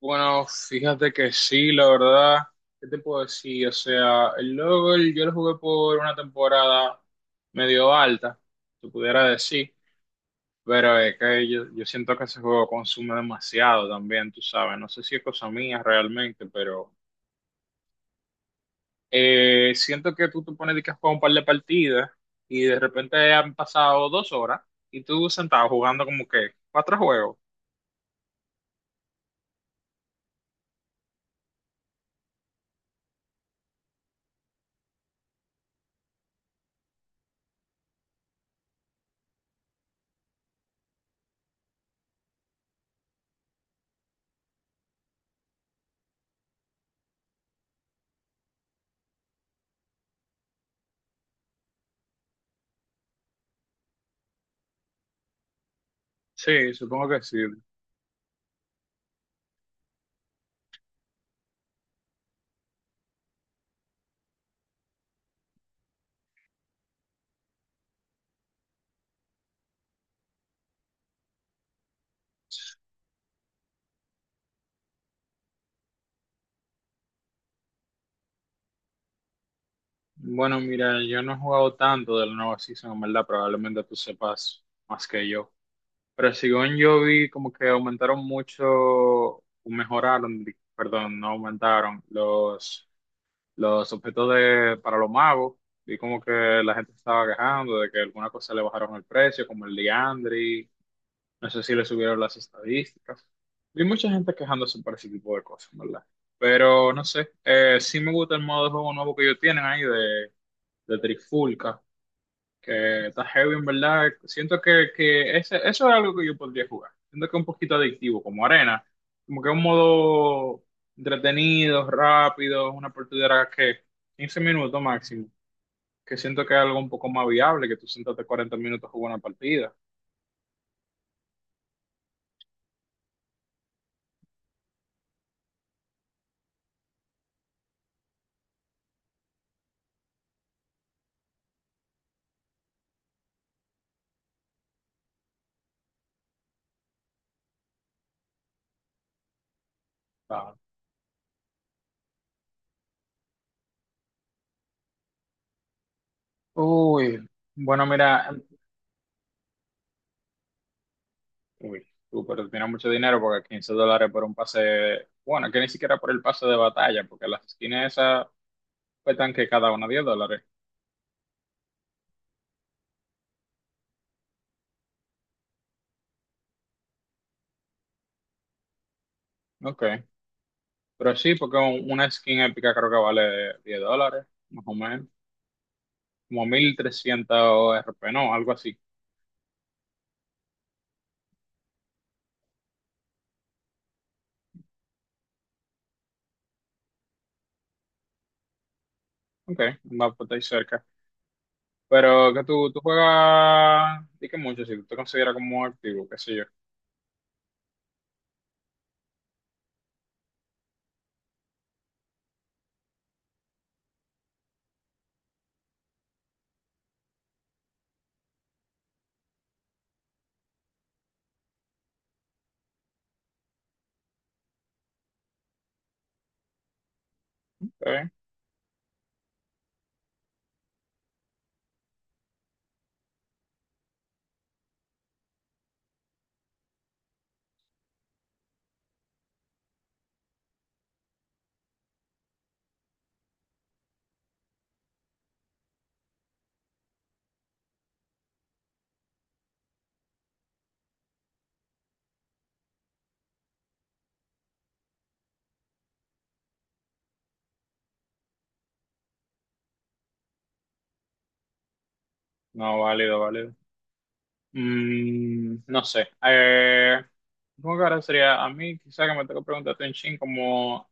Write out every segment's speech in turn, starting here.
Bueno, fíjate que sí, la verdad, ¿qué te puedo decir? O sea, el LOL yo lo jugué por una temporada medio alta, se pudiera decir, pero es que yo siento que ese juego consume demasiado también, tú sabes, no sé si es cosa mía realmente, pero siento que tú te pones de que a jugar un par de partidas y de repente han pasado 2 horas y tú sentado jugando como que cuatro juegos. Sí, supongo que sí. Bueno, mira, yo no he jugado tanto de la nueva season, en verdad, probablemente tú sepas más que yo. Pero según yo vi, como que aumentaron mucho, o mejoraron, perdón, no aumentaron los objetos de, para los magos. Vi como que la gente estaba quejando de que alguna cosa le bajaron el precio, como el Liandry, no sé si le subieron las estadísticas. Vi mucha gente quejándose por ese tipo de cosas, ¿en verdad? Pero no sé, sí me gusta el modo de juego nuevo que ellos tienen ahí de Trifulca, que está heavy en verdad. Siento que eso es algo que yo podría jugar. Siento que es un poquito adictivo, como arena. Como que es un modo entretenido, rápido, una partida que 15 minutos máximo. Que siento que es algo un poco más viable, que tú sentarte 40 minutos a jugar una partida. Ah. Uy, bueno, mira, uy, tú, pero tienes mucho dinero porque $15 por un pase, bueno, que ni siquiera por el pase de batalla, porque las esquinas esas cuestan que cada una $10. Ok. Pero sí, porque una skin épica creo que vale $10, más o menos. Como 1300 RP, no, algo así. Ok, va por ahí cerca. Pero que tú juegas, di que mucho, si tú te consideras como activo, qué sé yo. ¿Está No, válido, válido. No sé. Supongo que ahora sería a mí, quizá que me tengo que preguntarte un chin como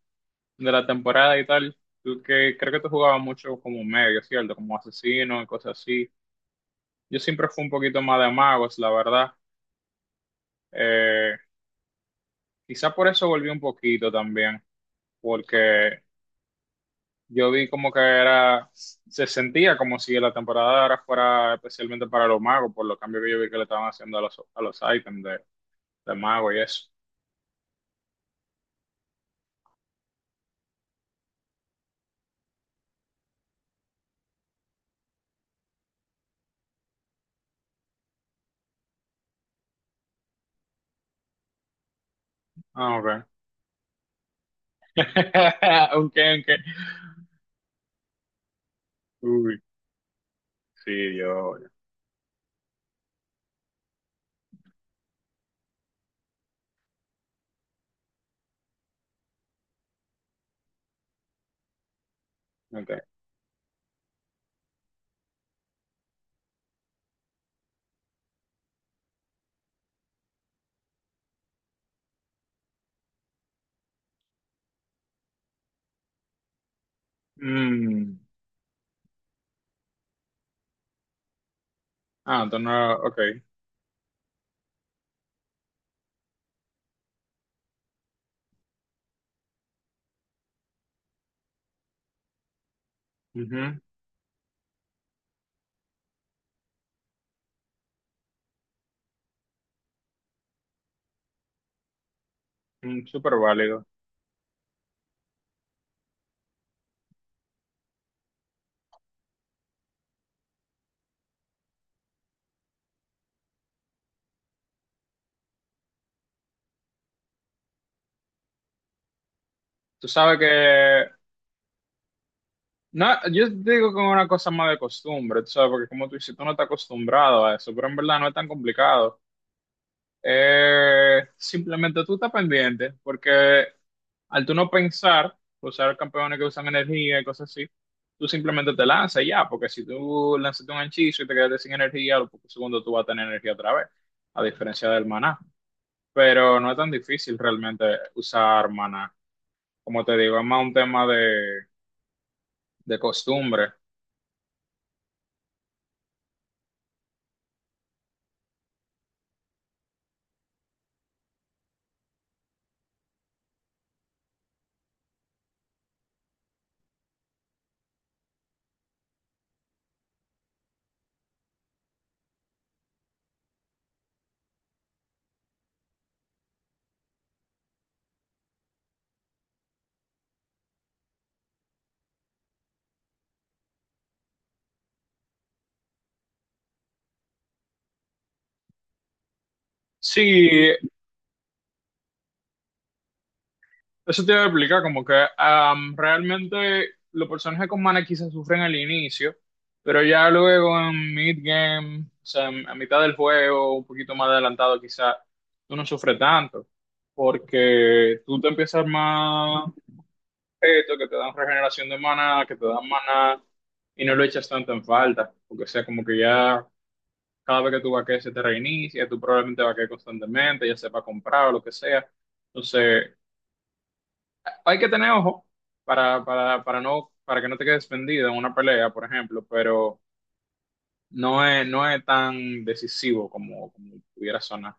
de la temporada y tal. Tú que creo que tú jugabas mucho como medio, ¿cierto? Como asesino y cosas así. Yo siempre fui un poquito más de magos, la verdad. Eh, quizá por eso volví un poquito también, porque yo vi como que era, se sentía como si la temporada de ahora fuera especialmente para los magos, por los cambios que yo vi que le estaban haciendo a a los ítems de mago y eso. Ah, ok. Ok, ok. Uy, sí, yo. Ok. Mm. Ah, entonces, no, ok. Ujú. Mm, súper válido. Tú sabes que no, yo te digo que es una cosa más de costumbre, tú sabes, porque como tú dices, tú no estás acostumbrado a eso, pero en verdad no es tan complicado. Simplemente tú estás pendiente, porque al tú no pensar, usar campeones que usan energía y cosas así, tú simplemente te lanzas y ya, porque si tú lanzas un hechizo y te quedaste sin energía, a los pocos segundos tú vas a tener energía otra vez, a diferencia del maná. Pero no es tan difícil realmente usar maná. Como te digo, es más un tema de costumbre. Sí, eso te iba a explicar, como que realmente los personajes con mana quizás sufren al inicio, pero ya luego en mid-game, o sea, a mitad del juego, un poquito más adelantado quizás, tú no sufres tanto, porque tú te empiezas a armar objetos que te dan regeneración de mana, que te dan mana, y no lo echas tanto en falta, porque o sea, como que ya cada vez que tú vaquees se te reinicia, tú probablemente vaquees constantemente, ya sepa comprar o lo que sea. Entonces, hay que tener ojo para que no te quedes vendido en una pelea, por ejemplo, pero no es tan decisivo como, como pudiera sonar.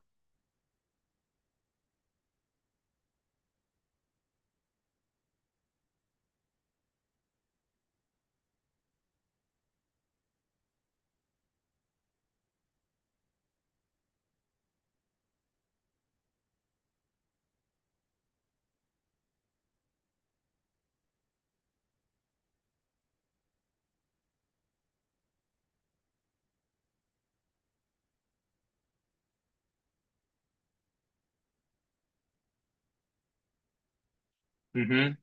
Ujú.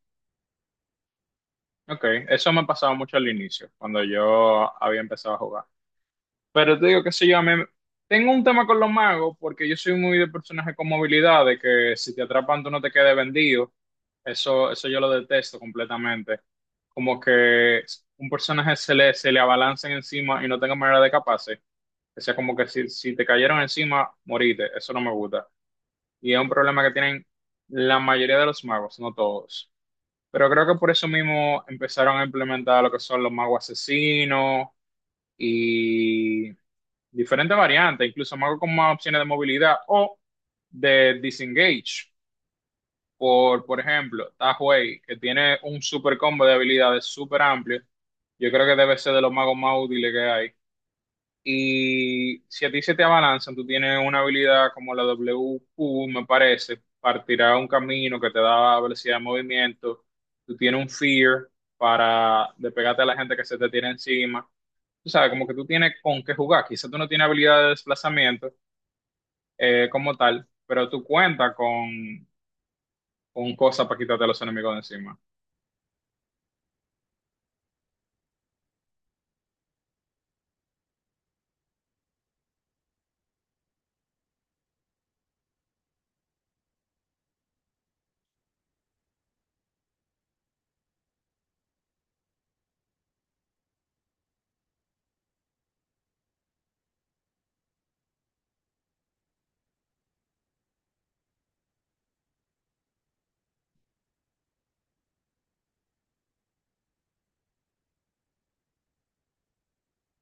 Ok, eso me ha pasado mucho al inicio, cuando yo había empezado a jugar. Pero te digo, qué sé yo, tengo un tema con los magos porque yo soy muy de personaje con movilidad, de que si te atrapan tú no te quedes vendido. Eso yo lo detesto completamente. Como que un personaje se le abalancen encima y no tenga manera de escaparse. O sea, como que si te cayeron encima, moriste. Eso no me gusta. Y es un problema que tienen la mayoría de los magos, no todos. Pero creo que por eso mismo empezaron a implementar lo que son los magos asesinos y diferentes variantes, incluso más con más opciones de movilidad o de disengage. Por ejemplo, Tahuey, que tiene un super combo de habilidades super amplio. Yo creo que debe ser de los magos más útiles que hay. Y si a ti se te abalanzan, tú tienes una habilidad como la WQ, me parece, partirá un camino que te da velocidad de movimiento. Tú tienes un fear para despegarte a la gente que se te tiene encima. Tú sabes, como que tú tienes con qué jugar. Quizás tú no tienes habilidad de desplazamiento como tal, pero tú cuentas con cosas para quitarte a los enemigos de encima.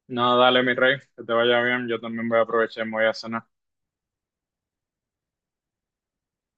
No, dale, mi rey, que te vaya bien. Yo también voy a aprovechar y me voy a cenar.